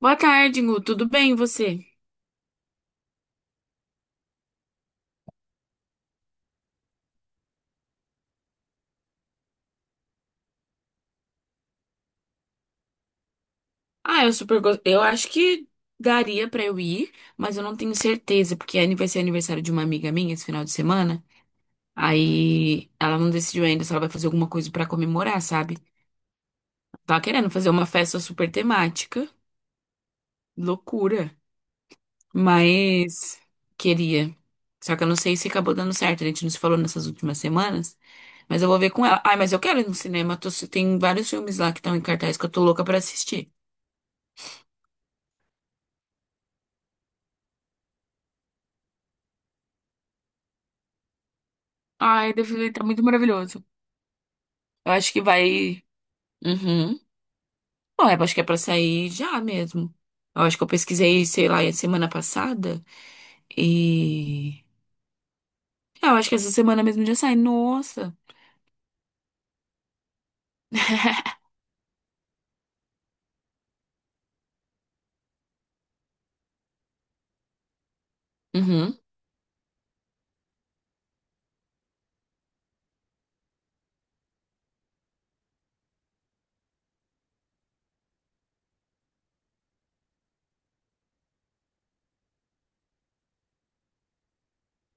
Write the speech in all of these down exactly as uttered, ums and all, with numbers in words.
Boa tarde, Gu. Tudo bem, e você? Ah, eu super gosto. Eu acho que daria pra eu ir, mas eu não tenho certeza, porque ani- vai ser aniversário de uma amiga minha esse final de semana. Aí ela não decidiu ainda se ela vai fazer alguma coisa pra comemorar, sabe? Tava querendo fazer uma festa super temática, loucura, mas queria. Só que eu não sei se acabou dando certo. A gente não se falou nessas últimas semanas, mas eu vou ver com ela. Ai, mas eu quero ir no cinema. tô- Tem vários filmes lá que estão em cartaz que eu tô louca pra assistir. Ai, deve estar muito maravilhoso. Eu acho que vai. Uhum. Bom, eu acho que é pra sair já mesmo. Eu acho que eu pesquisei, sei lá, semana passada. E. É, eu acho que essa semana mesmo já sai. Nossa. Uhum.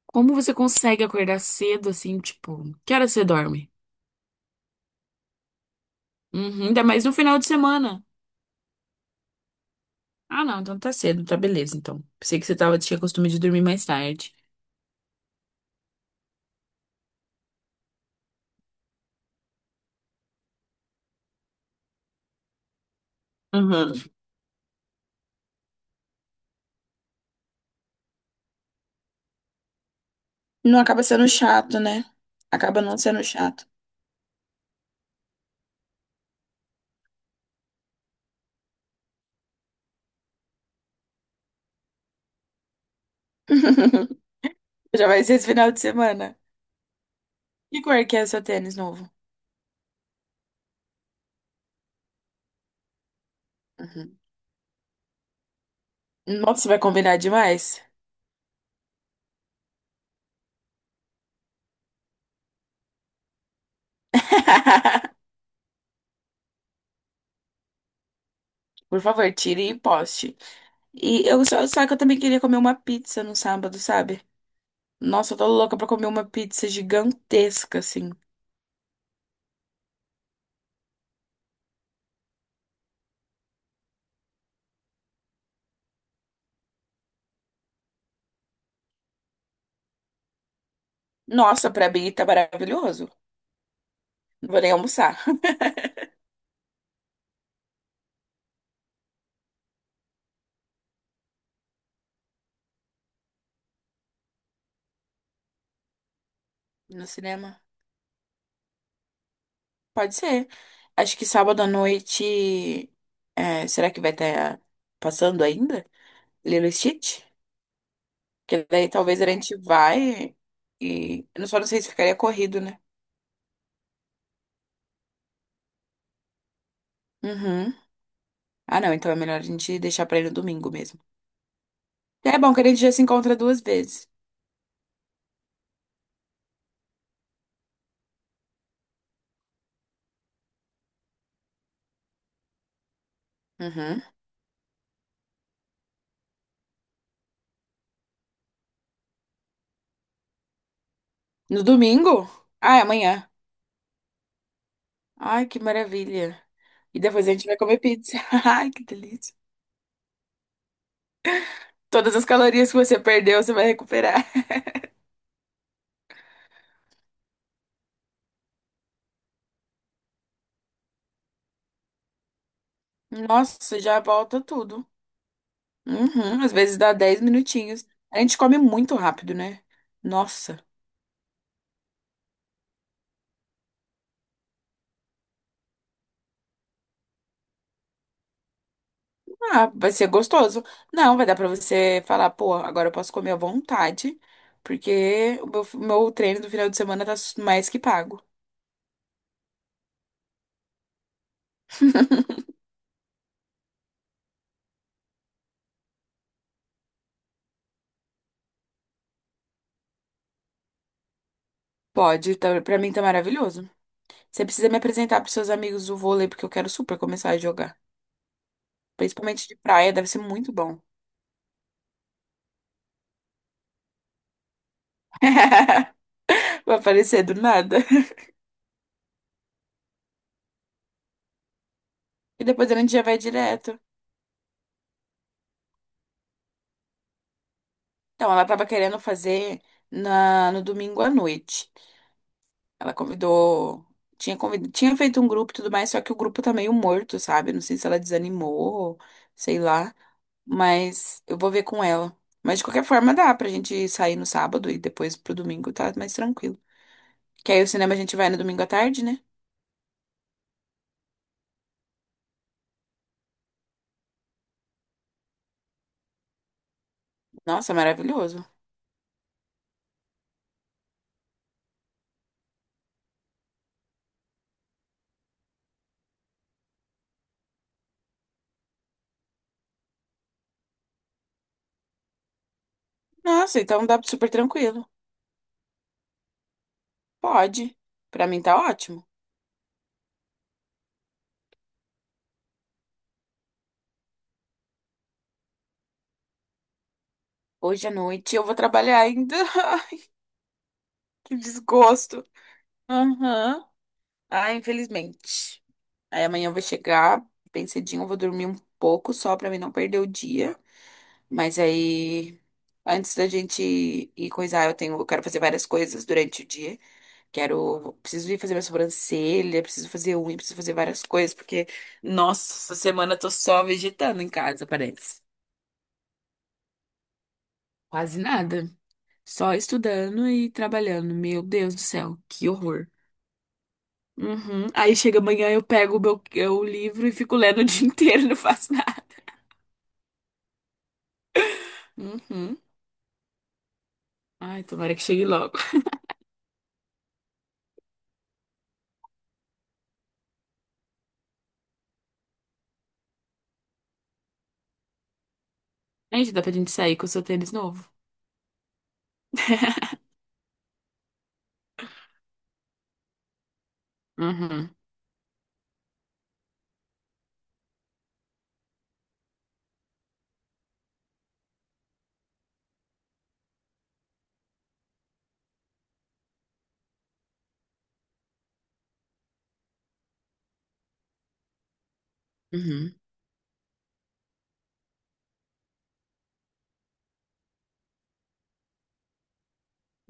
Como você consegue acordar cedo assim, tipo, que hora você dorme? Uhum, ainda mais no final de semana. Ah, não, então tá cedo, tá beleza, então. Pensei que você tava, tinha costume de dormir mais tarde. Uhum. Não acaba sendo chato, né? Acaba não sendo chato. Já vai ser esse final de semana. Que cor que é o seu tênis novo? Uhum. Nossa, vai combinar demais. Por favor, tire e poste. E eu só, só que eu também queria comer uma pizza no sábado, sabe? Nossa, eu tô louca pra comer uma pizza gigantesca, assim. Nossa, pra mim tá maravilhoso. Não vou nem almoçar. No cinema? Pode ser. Acho que sábado à noite. É, será que vai estar passando ainda? Lilo e Stitch? Que daí talvez a gente vai e. Eu só não sei se ficaria corrido, né? Uhum. Ah, não, então é melhor a gente deixar pra ir no domingo mesmo. É bom que a gente já se encontra duas vezes. Uhum. No domingo? Ah, é amanhã. Ai, que maravilha. E depois a gente vai comer pizza. Ai, que delícia. Todas as calorias que você perdeu, você vai recuperar. Nossa, já volta tudo. Uhum. Às vezes dá dez minutinhos. A gente come muito rápido, né? Nossa. Ah, vai ser gostoso. Não, vai dar pra você falar, pô, agora eu posso comer à vontade, porque o meu, meu treino do final de semana tá mais que pago. Pode, tá, pra mim tá maravilhoso. Você precisa me apresentar pros seus amigos do vôlei, porque eu quero super começar a jogar. Principalmente de praia, deve ser muito bom. Vai aparecer do nada. E depois a gente já vai direto. Então, ela tava querendo fazer na, no domingo à noite. Ela convidou. Tinha, convid... tinha feito um grupo e tudo mais, só que o grupo tá meio morto, sabe? Não sei se ela desanimou, sei lá. Mas eu vou ver com ela. Mas de qualquer forma dá pra gente sair no sábado e depois pro domingo tá mais tranquilo. Que aí o cinema a gente vai no domingo à tarde, né? Nossa, maravilhoso. Nossa, então dá super tranquilo. Pode. Pra mim tá ótimo. Hoje à noite eu vou trabalhar ainda. Que desgosto. Aham. Ah, infelizmente. Aí amanhã eu vou chegar bem cedinho, eu vou dormir um pouco só pra mim não perder o dia. Mas aí, antes da gente ir coisar, eu tenho, eu quero fazer várias coisas durante o dia. Quero, preciso ir fazer minha sobrancelha, preciso fazer unha, preciso fazer várias coisas, porque, nossa, essa semana eu tô só vegetando em casa, parece. Quase nada. Só estudando e trabalhando. Meu Deus do céu, que horror. Uhum. Aí chega amanhã, eu pego o meu, o livro e fico lendo o dia inteiro, não faço nada. Uhum. Ai, tomara que chegue logo. Ai, gente, dá pra gente sair com o seu tênis novo. Uhum, uhum.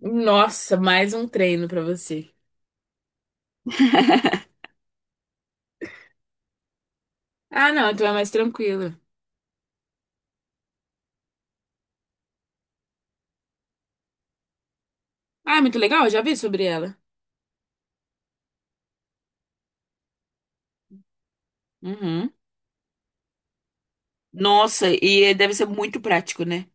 Nossa, mais um treino pra você. Ah, não, então é mais tranquila. Ah, é muito legal, eu já vi sobre ela. Uhum. Nossa, e deve ser muito prático, né?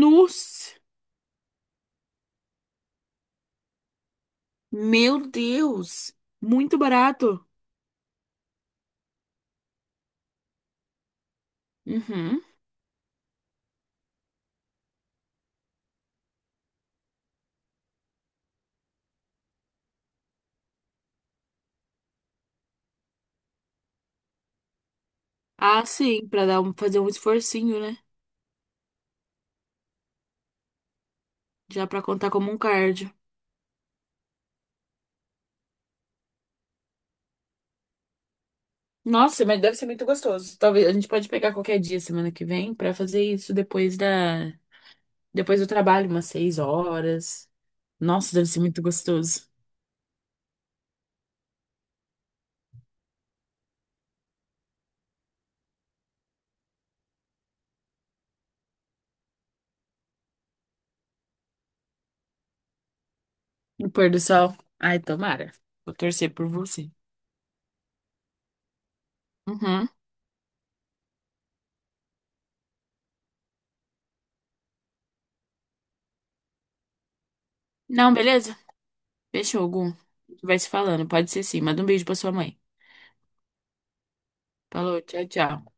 Nossa, meu Deus, muito barato. Uhum. Ah, sim, pra dar um, fazer um esforcinho, né? Já pra contar como um cardio. Nossa, mas deve ser muito gostoso. Talvez a gente pode pegar qualquer dia semana que vem pra fazer isso depois da. Depois eu trabalho umas seis horas. Nossa, deve ser muito gostoso. O pôr do sol. Ai, tomara. Vou torcer por você. Uhum. Não, beleza? Fechou, Gu. A gente vai se falando. Pode ser sim. Manda um beijo pra sua mãe. Falou, tchau, tchau.